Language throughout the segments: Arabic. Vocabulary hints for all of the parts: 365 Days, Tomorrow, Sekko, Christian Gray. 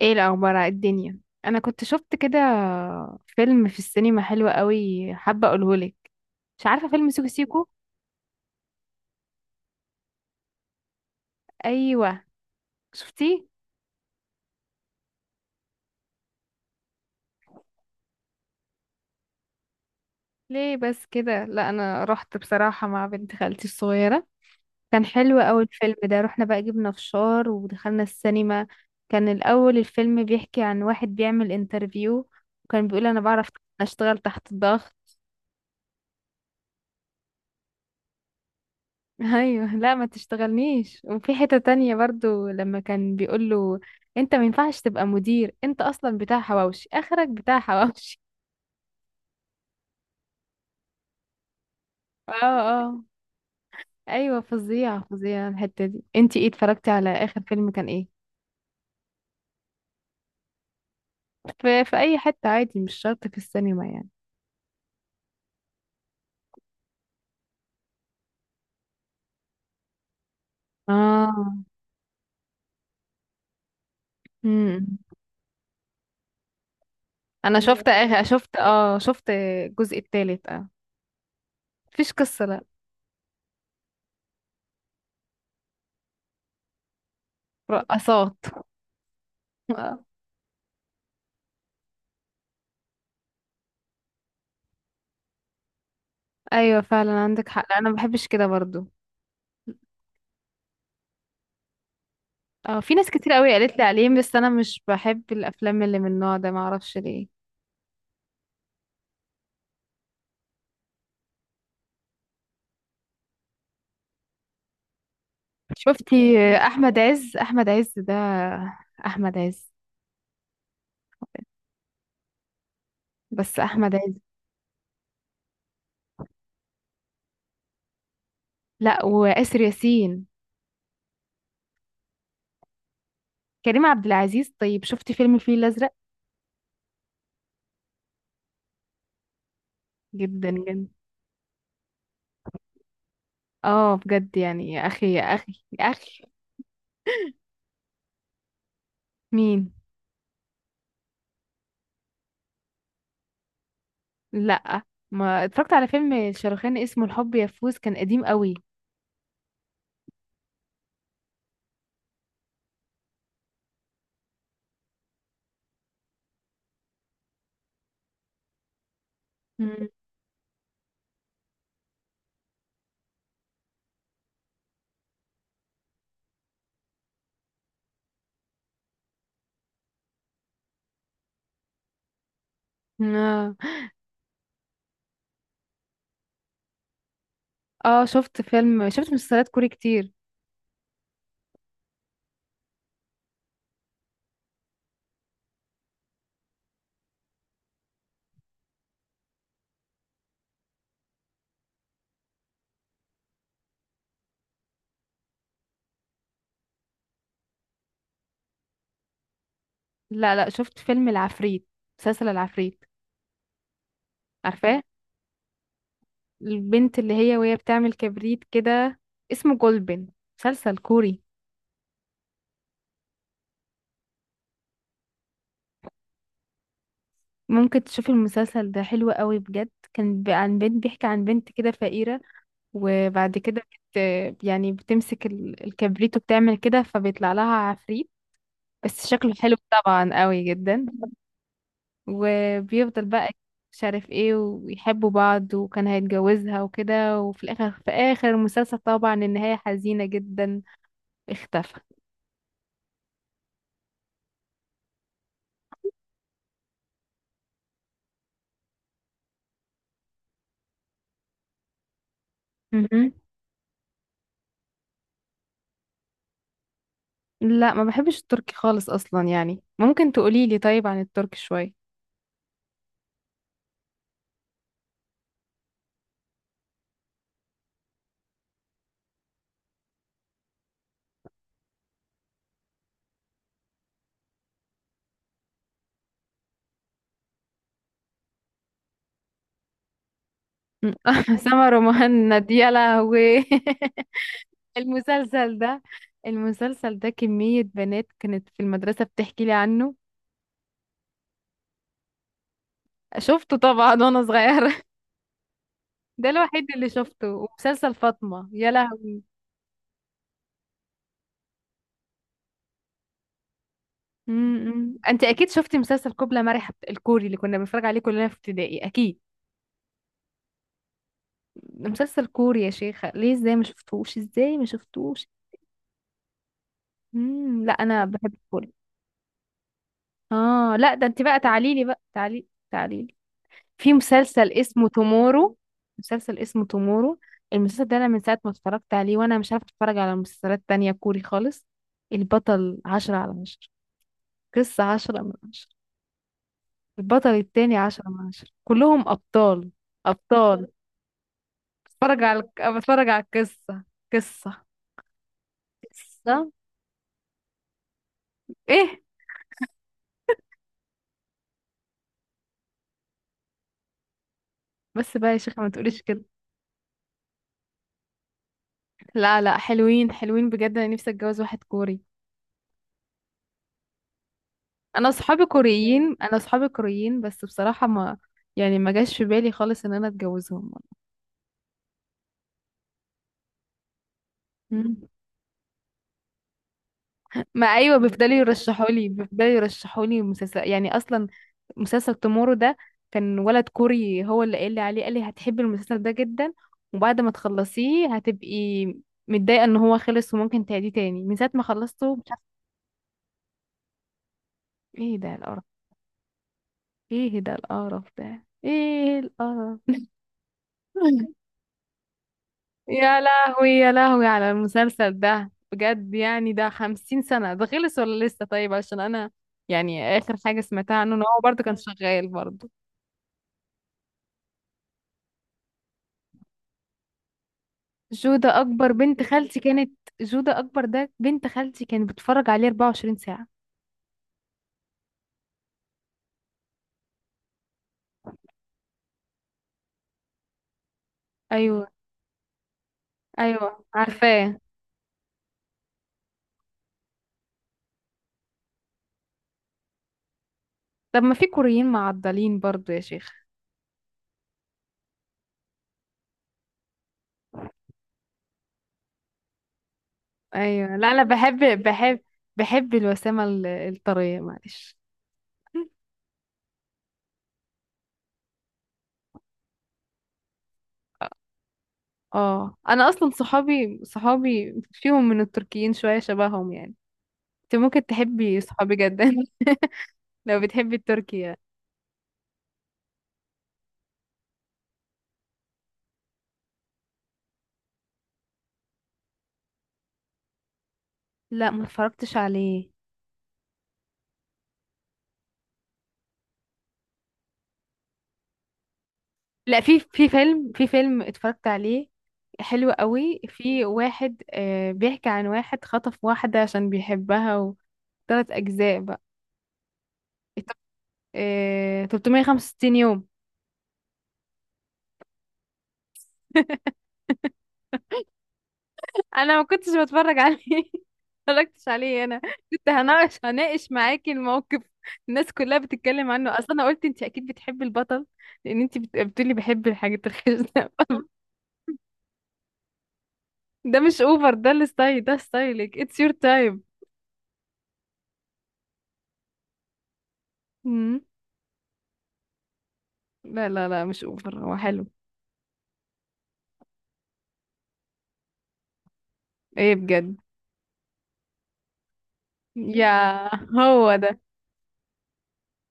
ايه الاخبار على الدنيا؟ انا كنت شفت كده فيلم في السينما حلو قوي، حابه اقولهولك. مش عارفه فيلم سيكو سيكو؟ ايوه، شفتيه؟ ليه بس كده؟ لا، انا رحت بصراحه مع بنت خالتي الصغيره. كان حلو قوي الفيلم ده. رحنا بقى، جبنا فشار ودخلنا السينما. كان الاول الفيلم بيحكي عن واحد بيعمل انترفيو، وكان بيقول انا بعرف اشتغل تحت الضغط. ايوه، لا ما تشتغلنيش. وفي حتة تانية برضو لما كان بيقول له انت ما ينفعش تبقى مدير، انت اصلا بتاع حواوشي، اخرك بتاع حواوشي. اه اه، ايوه فظيعة فظيعة الحتة دي. انتي ايه، اتفرجتي على اخر فيلم كان ايه؟ في اي حتة عادي، مش شرط في السينما يعني. اه. امم. انا شفت الجزء التالت. اه. مفيش قصة، لا. رقصات. آه. ايوه فعلا عندك حق. لا، انا ما بحبش كده برضو. اه، في ناس كتير قوي قالت لي عليه، بس انا مش بحب الافلام اللي من النوع ده، ما اعرفش ليه. شفتي احمد عز؟ احمد عز ده احمد عز بس احمد عز. لا، واسر ياسين. كريم عبد العزيز. طيب شفتي فيلم الفيل الازرق؟ جدا جدا. اه بجد يعني، يا اخي يا اخي يا اخي. مين؟ لا، ما اتفرجت على فيلم شاروخان اسمه الحب يفوز، كان قديم قوي. مم. اه. آه، شفت مسلسلات كوري كتير. لا لا، شفت فيلم العفريت، مسلسل العفريت. عارفاه؟ البنت اللي هي وهي بتعمل كبريت كده، اسمه جولبن، مسلسل كوري. ممكن تشوف المسلسل ده، حلو قوي بجد. عن بنت، بيحكي عن بنت كده فقيرة، وبعد كده بت يعني بتمسك الكبريت وبتعمل كده، فبيطلع لها عفريت. بس شكله حلو طبعا، قوي جدا. وبيفضل بقى مش عارف ايه، ويحبوا بعض، وكان هيتجوزها وكده، وفي الاخر في اخر المسلسل طبعا النهاية حزينة جدا. اختفى. مهم. لا، ما بحبش التركي خالص اصلا، يعني ممكن تقولي لي طيب عن التركي شوية. سمر مهند يا لهوي. المسلسل ده، المسلسل ده كمية بنات كانت في المدرسة بتحكي لي عنه. شفته طبعا وانا صغيرة. ده الوحيد اللي شفته. ومسلسل فاطمة، يا لهوي. امم. انت اكيد شفتي مسلسل كوبلا مرح، الكوري اللي كنا بنتفرج عليه كلنا في ابتدائي، اكيد. مسلسل كوري يا شيخة، ليه؟ ازاي ما شفتوش؟ ازاي ما شفتوش؟ امم. لا، انا بحب الكوري. اه لا، ده انت بقى تعاليلي بقى، تعاليلي. في مسلسل اسمه تومورو. مسلسل اسمه تومورو، المسلسل ده انا من ساعة ما اتفرجت عليه وانا مش عارفة اتفرج على مسلسلات تانية كوري خالص. البطل 10 على 10، قصة 10 من 10، البطل التاني 10 من 10، كلهم أبطال. أبطال. بتفرج على بتفرج على القصة. قصة. قصة. ايه. بس بقى يا شيخة، ما تقوليش كده. لا لا، حلوين بجد، انا نفسي اتجوز واحد كوري. انا اصحابي كوريين انا اصحابي كوريين، بس بصراحة ما، يعني ما جاش في بالي خالص ان انا اتجوزهم. مم. ما ايوه، بيفضلوا يرشحوا لي مسلسل يعني اصلا. مسلسل تومورو ده كان ولد كوري هو اللي قال لي عليه، قال لي هتحبي المسلسل ده جدا، وبعد ما تخلصيه هتبقي متضايقة ان هو خلص، وممكن تعيديه تاني من ساعة ما خلصته، مش عارفة. ايه ده القرف؟ ايه ده القرف؟ ده ايه القرف؟ يا لهوي يا لهوي على المسلسل ده بجد. يعني ده 50 سنة ده، خلص ولا لسه؟ طيب عشان انا يعني اخر حاجة سمعتها عنه ان هو برضه كان شغال برضه. جودة أكبر بنت خالتي كانت، جودة أكبر ده بنت خالتي كانت بتتفرج عليه 24 ساعة. أيوة. أيوة، عارفاه. طب ما في كوريين معضلين برضو يا شيخ. أيوة لا، أنا بحب، بحب الوسامة الطرية، معلش. اه، أنا أصلا صحابي فيهم من التركيين شوية شبههم يعني. انت ممكن تحبي صحابي جدا. لو بتحبي التركي يعني. لا، ما اتفرجتش عليه. لا، في فيلم اتفرجت عليه حلو قوي، في واحد، آه بيحكي عن واحد خطف واحدة عشان بيحبها، وثلاث أجزاء بقى. التلت- آه، 365 يوم. أنا ما كنتش بتفرج عليه. متفرجتش عليه أنا، كنت هناقش معاكي الموقف. الناس كلها بتتكلم عنه، أصلا أنا قلت أنت أكيد بتحبي البطل، لأن أنت بتقولي بحب الحاجات الخشنة. ده مش أوفر، ده الستايل، ده ستايلك، اتس يور تايم. لا، مش أوفر، هو حلو. ايه بجد؟ يا، هو ده.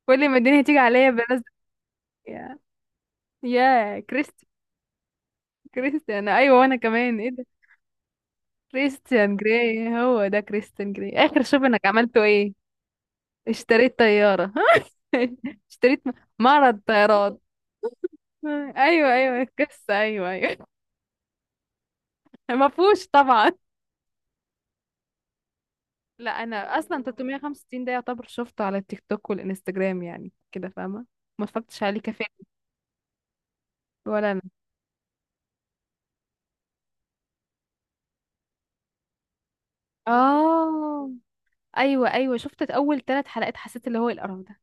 كل ما الدنيا تيجي عليا بنزل. يا، يا كريستيان. كريستيان، ايوه. وانا كمان ايه ده؟ كريستيان جراي هو ده، كريستيان جراي اخر، شوف انك عملته ايه. اشتريت طيارة. اشتريت معرض طيارات. ايوه ايوه القصة، ايوه ايوه. ما فيهوش طبعا. لا، انا اصلا 365 ده يعتبر شفته على التيك توك والانستجرام يعني كده، فاهمة؟ ما اتفرجتش عليه كفاية. ولا انا. اه. ايوه ايوه، شفت اول 3 حلقات، حسيت اللي هو إيه القرف ده.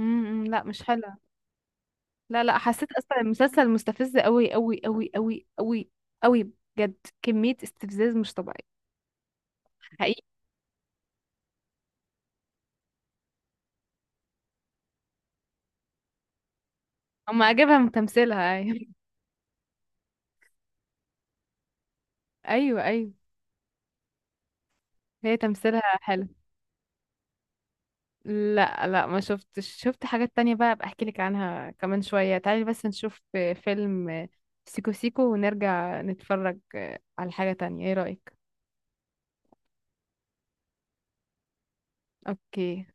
امم، لا مش حلو. لا لا، حسيت اصلا المسلسل مستفز قوي قوي قوي قوي قوي قوي بجد، كمية استفزاز مش طبيعي. حقيقي. اما عجبها من تمثيلها، ايوه. ايوه ايوه، هي تمثيلها حلو. لا لا، ما شفتش. شفت حاجات تانية بقى، ابقى احكي لك عنها كمان شوية. تعالي بس نشوف فيلم سيكو سيكو ونرجع نتفرج على حاجة تانية، ايه رأيك؟ اوكي.